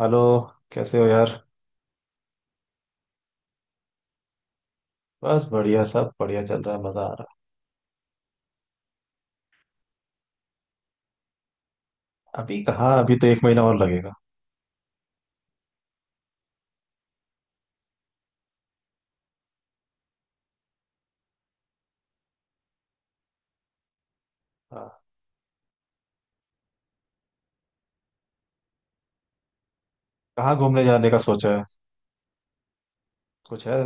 Hello. कैसे हो यार? बस बढ़िया, सब बढ़िया चल रहा है, मजा आ रहा है। अभी कहाँ? अभी तो एक महीना और लगेगा। हाँ, कहाँ घूमने जाने का सोचा है? कुछ है?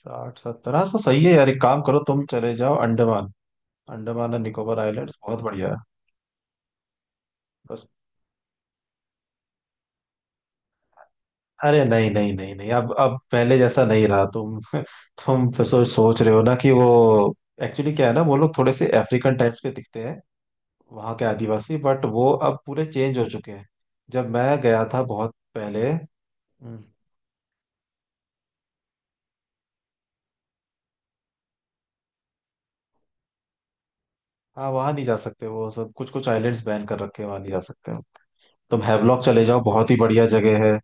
साठ सत्तर, हाँ तो सही है यार, एक काम करो, तुम चले जाओ अंडमान। अंडमान एंड निकोबार आइलैंड्स बहुत बढ़िया है। बस, अरे नहीं नहीं नहीं नहीं, अब पहले जैसा नहीं रहा तुम। तुम फिर सोच सोच रहे हो ना कि वो एक्चुअली क्या है ना, वो लोग थोड़े से अफ्रीकन टाइप्स के दिखते हैं, वहाँ के आदिवासी। बट वो अब पूरे चेंज हो चुके हैं, जब मैं गया था बहुत पहले। हम्म, हाँ वहां नहीं जा सकते, वो सब कुछ कुछ आइलैंड्स बैन कर रखे हैं, वहां नहीं जा सकते हो। तुम हैवलॉक चले जाओ, बहुत ही बढ़िया जगह है।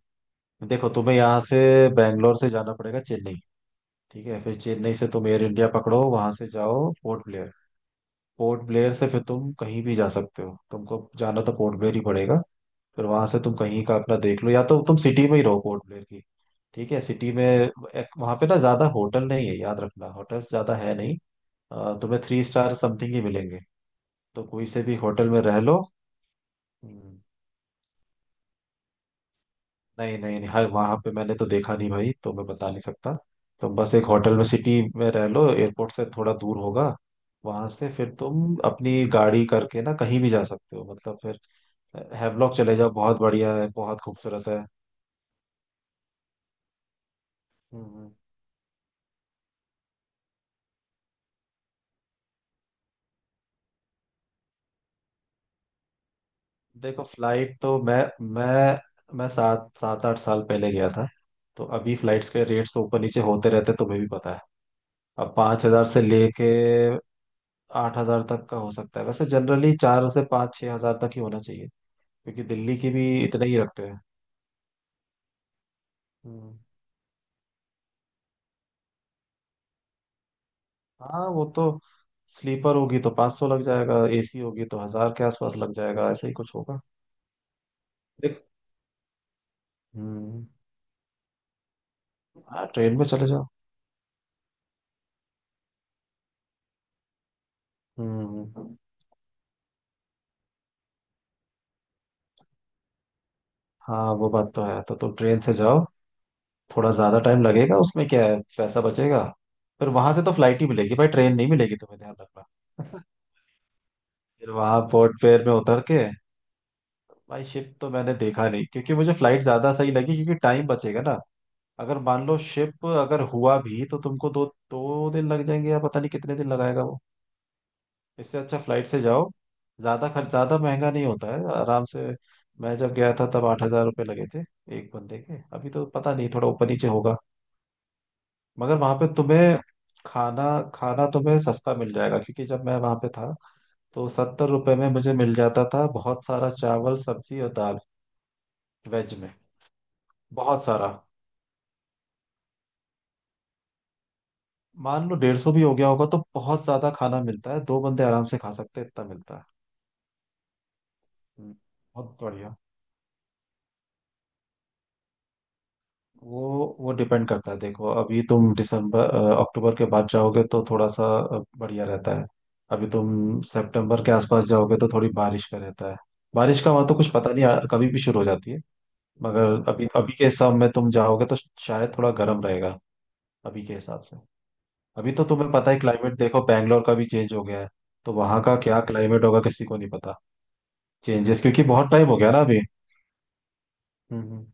देखो तुम्हें यहाँ से बैंगलोर से जाना पड़ेगा चेन्नई। ठीक है, फिर चेन्नई से तुम एयर इंडिया पकड़ो, वहां से जाओ पोर्ट ब्लेयर। पोर्ट ब्लेयर से फिर तुम कहीं भी जा सकते हो, तुमको जाना तो पोर्ट ब्लेयर ही पड़ेगा। फिर वहां से तुम कहीं का अपना देख लो, या तो तुम सिटी में ही रहो पोर्ट ब्लेयर की। ठीक है, सिटी में एक, वहां पे ना ज्यादा होटल नहीं है, याद रखना, होटल्स ज्यादा है नहीं। तुम्हें थ्री स्टार समथिंग ही मिलेंगे, तो कोई से भी होटल में रह लो। हम्म। नहीं नहीं नहीं, हर वहां पे मैंने तो देखा नहीं भाई, तो मैं बता नहीं सकता। तुम बस एक होटल में सिटी में रह लो, एयरपोर्ट से थोड़ा दूर होगा। वहां से फिर तुम अपनी गाड़ी करके ना कहीं भी जा सकते हो, मतलब फिर। हैवलॉक चले जाओ, बहुत बढ़िया है, बहुत खूबसूरत है। हम्म, देखो फ्लाइट तो मैं सात सात आठ साल पहले गया था। तो अभी फ्लाइट्स के रेट्स तो ऊपर नीचे होते रहते हैं, तुम्हें भी पता है। अब 5,000 से लेके 8,000 तक का हो सकता है, वैसे जनरली चार से 5-6 हजार तक ही होना चाहिए, क्योंकि दिल्ली की भी इतना ही रखते हैं। हम्म, हाँ वो तो, स्लीपर होगी तो 500 सौ लग जाएगा, एसी होगी तो हजार के आसपास लग जाएगा, ऐसा ही कुछ होगा। देख, हम्म, हाँ ट्रेन में चले जाओ। हम्म, हाँ वो बात तो है, तो तुम ट्रेन से जाओ, थोड़ा ज्यादा टाइम लगेगा, उसमें क्या है, पैसा बचेगा। फिर वहां से तो फ्लाइट ही मिलेगी भाई, ट्रेन नहीं मिलेगी, तुम्हें ध्यान रखना। फिर वहां पोर्ट पेर में उतर के। भाई शिप तो मैंने देखा नहीं, क्योंकि मुझे फ्लाइट ज्यादा सही लगी, क्योंकि टाइम बचेगा ना। अगर मान लो शिप अगर हुआ भी तो तुमको दो दो दिन लग जाएंगे, या पता नहीं कितने दिन लगाएगा वो। इससे अच्छा फ्लाइट से जाओ, ज्यादा खर्च ज्यादा महंगा नहीं होता है आराम से। मैं जब गया था तब 8,000 रुपये लगे थे एक बंदे के, अभी तो पता नहीं, थोड़ा ऊपर नीचे होगा। मगर वहां पे तुम्हें खाना खाना तुम्हें सस्ता मिल जाएगा, क्योंकि जब मैं वहां पे था, तो 70 रुपए में मुझे मिल जाता था बहुत सारा चावल सब्जी और दाल। वेज में, बहुत सारा। मान लो 150 भी हो गया होगा, तो बहुत ज्यादा खाना मिलता है, 2 बंदे आराम से खा सकते हैं इतना मिलता है। हम्म। बहुत बढ़िया। वो डिपेंड करता है, देखो अभी तुम दिसंबर अक्टूबर के बाद जाओगे तो थोड़ा सा बढ़िया रहता है। अभी तुम सितंबर के आसपास जाओगे तो थोड़ी बारिश का रहता है। बारिश का वहां तो कुछ पता नहीं, कभी भी शुरू हो जाती है। मगर अभी अभी के हिसाब में तुम जाओगे तो शायद थोड़ा गर्म रहेगा, अभी के हिसाब से। अभी तो तुम्हें पता है क्लाइमेट, देखो बैंगलोर का भी चेंज हो गया है, तो वहां का क्या क्लाइमेट होगा किसी को नहीं पता। चेंजेस, क्योंकि बहुत टाइम हो गया ना अभी। हम्म।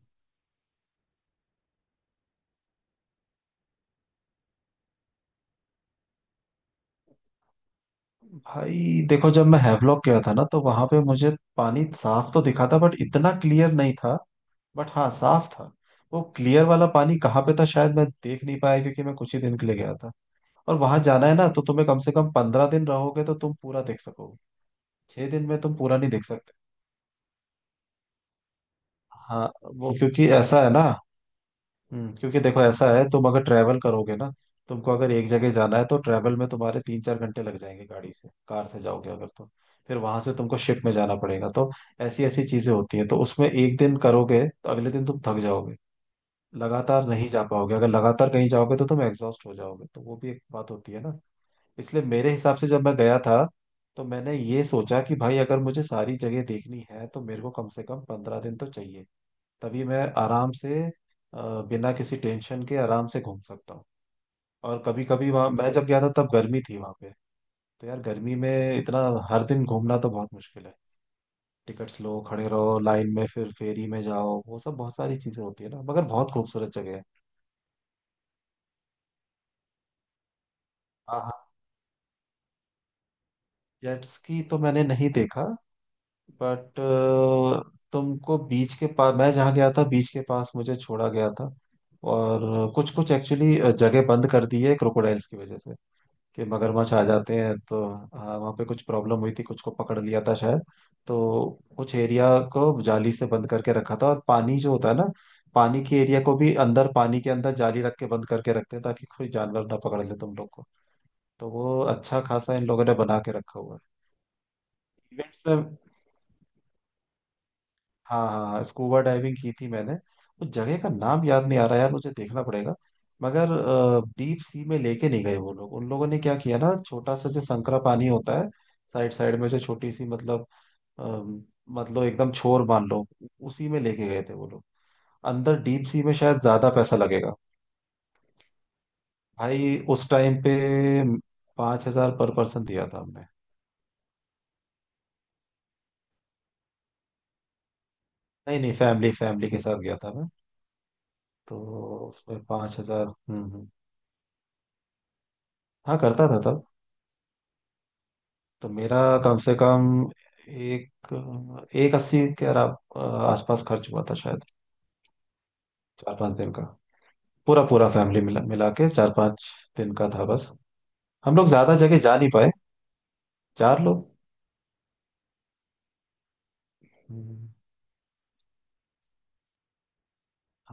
भाई देखो जब मैं हैवलॉक गया था ना तो वहां पे मुझे पानी साफ तो दिखा था, बट इतना क्लियर नहीं था, बट हाँ साफ था। वो क्लियर वाला पानी कहाँ पे था शायद मैं देख नहीं पाया, क्योंकि मैं कुछ ही दिन के लिए गया था। और वहां जाना है ना तो तुम्हें कम से कम 15 दिन रहोगे तो तुम पूरा देख सकोगे। 6 दिन में तुम पूरा नहीं देख सकते। हाँ, वो क्योंकि ऐसा है ना। क्योंकि देखो ऐसा है, तुम अगर ट्रैवल करोगे ना, तुमको अगर एक जगह जाना है तो ट्रैवल में तुम्हारे 3-4 घंटे लग जाएंगे, गाड़ी से कार से जाओगे अगर तो। फिर वहां से तुमको शिप में जाना पड़ेगा, तो ऐसी ऐसी चीजें होती हैं, तो उसमें एक दिन करोगे तो अगले दिन तुम थक जाओगे, लगातार नहीं जा पाओगे। अगर लगातार कहीं जाओगे तो तुम एग्जॉस्ट हो जाओगे, तो वो भी एक बात होती है ना। इसलिए मेरे हिसाब से, जब मैं गया था तो मैंने ये सोचा कि भाई अगर मुझे सारी जगह देखनी है तो मेरे को कम से कम 15 दिन तो चाहिए, तभी मैं आराम से अ, बिना किसी टेंशन के आराम से घूम सकता हूँ। और कभी कभी, वहाँ मैं जब गया था तब गर्मी थी वहाँ पे, तो यार गर्मी में इतना हर दिन घूमना तो बहुत मुश्किल है। टिकट्स लो, खड़े रहो लाइन में, फिर फेरी में जाओ, वो सब बहुत सारी चीजें होती है ना, मगर बहुत खूबसूरत जगह है। हाँ हाँ, जेट स्की तो मैंने नहीं देखा। बट तुमको बीच के पास, मैं जहाँ गया था बीच के पास मुझे छोड़ा गया था, और कुछ कुछ एक्चुअली जगह बंद कर दी है क्रोकोडाइल्स की वजह से, कि मगरमच्छ आ जाते हैं तो। हाँ वहाँ पे कुछ प्रॉब्लम हुई थी, कुछ को पकड़ लिया था शायद, तो कुछ एरिया को जाली से बंद करके रखा था। और पानी जो होता है ना, पानी के एरिया को भी, अंदर पानी के अंदर जाली रख के बंद करके रखते हैं, ताकि कोई जानवर ना पकड़ ले तुम लोग को। तो वो अच्छा खासा इन लोगों ने बना के रखा हुआ है। इवेंट्स में, हाँ हाँ स्कूबा डाइविंग की थी मैंने। उस जगह का नाम याद नहीं आ रहा यार, मुझे देखना पड़ेगा। मगर डीप सी में लेके नहीं गए वो लोग, उन लोगों ने क्या किया ना, छोटा सा जो संकरा पानी होता है साइड साइड में, जो छोटी सी, मतलब अम, मतलब एकदम छोर मान लो, उसी में लेके गए थे वो लोग। अंदर डीप सी में शायद ज्यादा पैसा लगेगा। भाई उस टाइम पे 5,000 पर पर्सन दिया था हमने। नहीं नहीं, फैमिली फैमिली के साथ गया था मैं। तो उसमें 5,000। हाँ करता था तब। तो मेरा कम से कम एक एक अस्सी के आसपास खर्च हुआ था शायद, 4-5 दिन का। पूरा पूरा फैमिली मिला मिला के 4-5 दिन का था बस। हम लोग ज्यादा जगह जा नहीं पाए। 4 लोग। हम्म।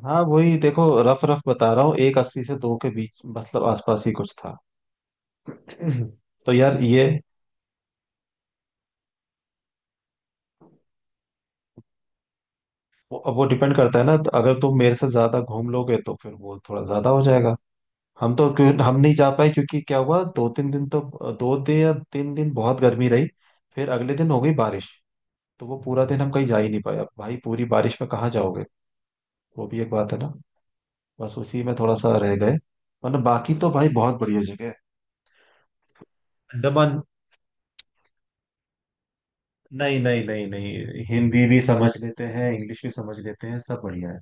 हाँ वही, देखो रफ रफ बता रहा हूँ, एक अस्सी से दो के बीच, मतलब आसपास ही कुछ था। तो यार ये अब वो डिपेंड करता है ना, तो अगर तुम मेरे से ज्यादा घूम लोगे तो फिर वो थोड़ा ज्यादा हो जाएगा। हम तो क्यों हम नहीं जा पाए, क्योंकि क्या हुआ, 2-3 दिन तो, 2 दिन या 3 दिन बहुत गर्मी रही, फिर अगले दिन हो गई बारिश। तो वो पूरा दिन हम कहीं जा ही नहीं पाए, अब भाई पूरी बारिश में कहाँ जाओगे? वो भी एक बात है ना। बस उसी में थोड़ा सा रह गए, वरना बाकी तो भाई बहुत बढ़िया जगह है। अंडमान। नहीं नहीं नहीं नहीं, हिंदी भी समझ लेते हैं, इंग्लिश भी समझ लेते हैं, सब बढ़िया है।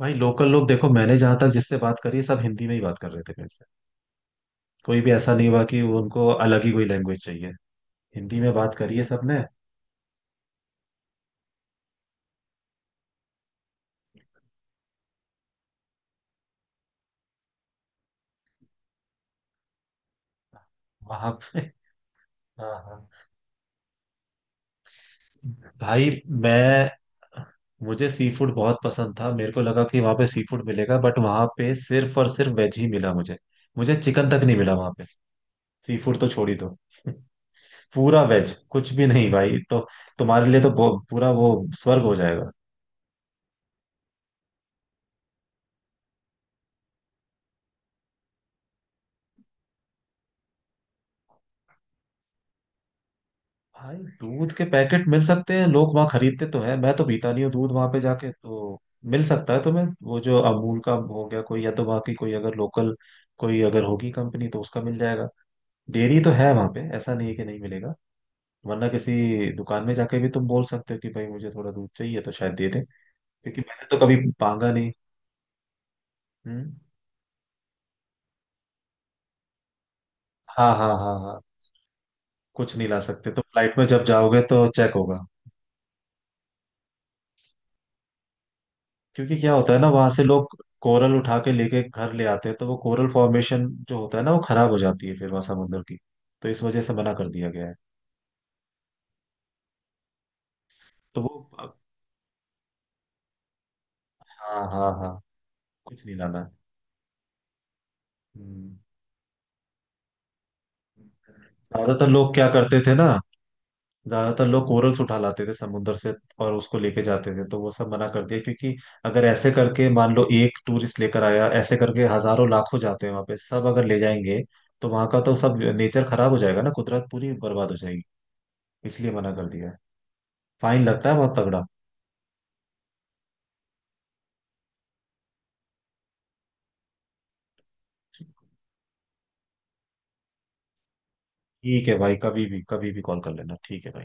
भाई लोकल लोग देखो, मैंने जहां तक जिससे बात करी, सब हिंदी में ही बात कर रहे थे मेरे से। कोई भी ऐसा नहीं हुआ कि वो उनको अलग ही कोई लैंग्वेज चाहिए। हिंदी में बात करी है सबने, वहां पे। हाँ हाँ भाई, मैं मुझे सी फूड बहुत पसंद था, मेरे को लगा कि वहां पे सी फूड मिलेगा, बट वहां पे सिर्फ और सिर्फ वेज ही मिला मुझे मुझे चिकन तक नहीं मिला वहां पे, सी फूड तो छोड़ ही दो। पूरा वेज, कुछ भी नहीं भाई। तो तुम्हारे लिए तो पूरा वो स्वर्ग हो जाएगा। भाई दूध के पैकेट मिल सकते हैं, लोग वहां खरीदते तो हैं, मैं तो पीता नहीं हूँ दूध वहां पे जाके, तो मिल सकता है तुम्हें। वो जो अमूल का हो गया कोई, या तो वहाँ की कोई अगर लोकल कोई अगर होगी कंपनी तो उसका मिल जाएगा। डेयरी तो है वहां पे, ऐसा नहीं है कि नहीं मिलेगा। वरना किसी दुकान में जाके भी तुम बोल सकते हो कि भाई मुझे थोड़ा दूध चाहिए, तो शायद दे दें, क्योंकि मैंने तो कभी मांगा नहीं। हम्म, हाँ हाँ हाँ हाँ, कुछ नहीं ला सकते, तो फ्लाइट में जब जाओगे तो चेक होगा। क्योंकि क्या होता है ना, वहां से लोग कोरल उठा के लेके घर ले आते हैं, तो वो कोरल फॉर्मेशन जो होता है ना, वो खराब हो जाती है फिर वहां समुद्र की। तो इस वजह से मना कर दिया गया है। तो वो हाँ हाँ हाँ, कुछ नहीं लाना है। हम्म। ज्यादातर लोग क्या करते थे ना, ज्यादातर लोग कोरल्स उठा लाते थे समुद्र से और उसको लेके जाते थे, तो वो सब मना कर दिया। क्योंकि अगर ऐसे करके मान लो एक टूरिस्ट लेकर आया, ऐसे करके हजारों लाखों जाते हैं वहां पे, सब अगर ले जाएंगे तो वहां का तो सब नेचर खराब हो जाएगा ना, कुदरत पूरी बर्बाद हो जाएगी। इसलिए मना कर दिया है। फाइन लगता है बहुत तगड़ा। ठीक है भाई, कभी भी कभी भी कॉल कर लेना, ठीक है भाई।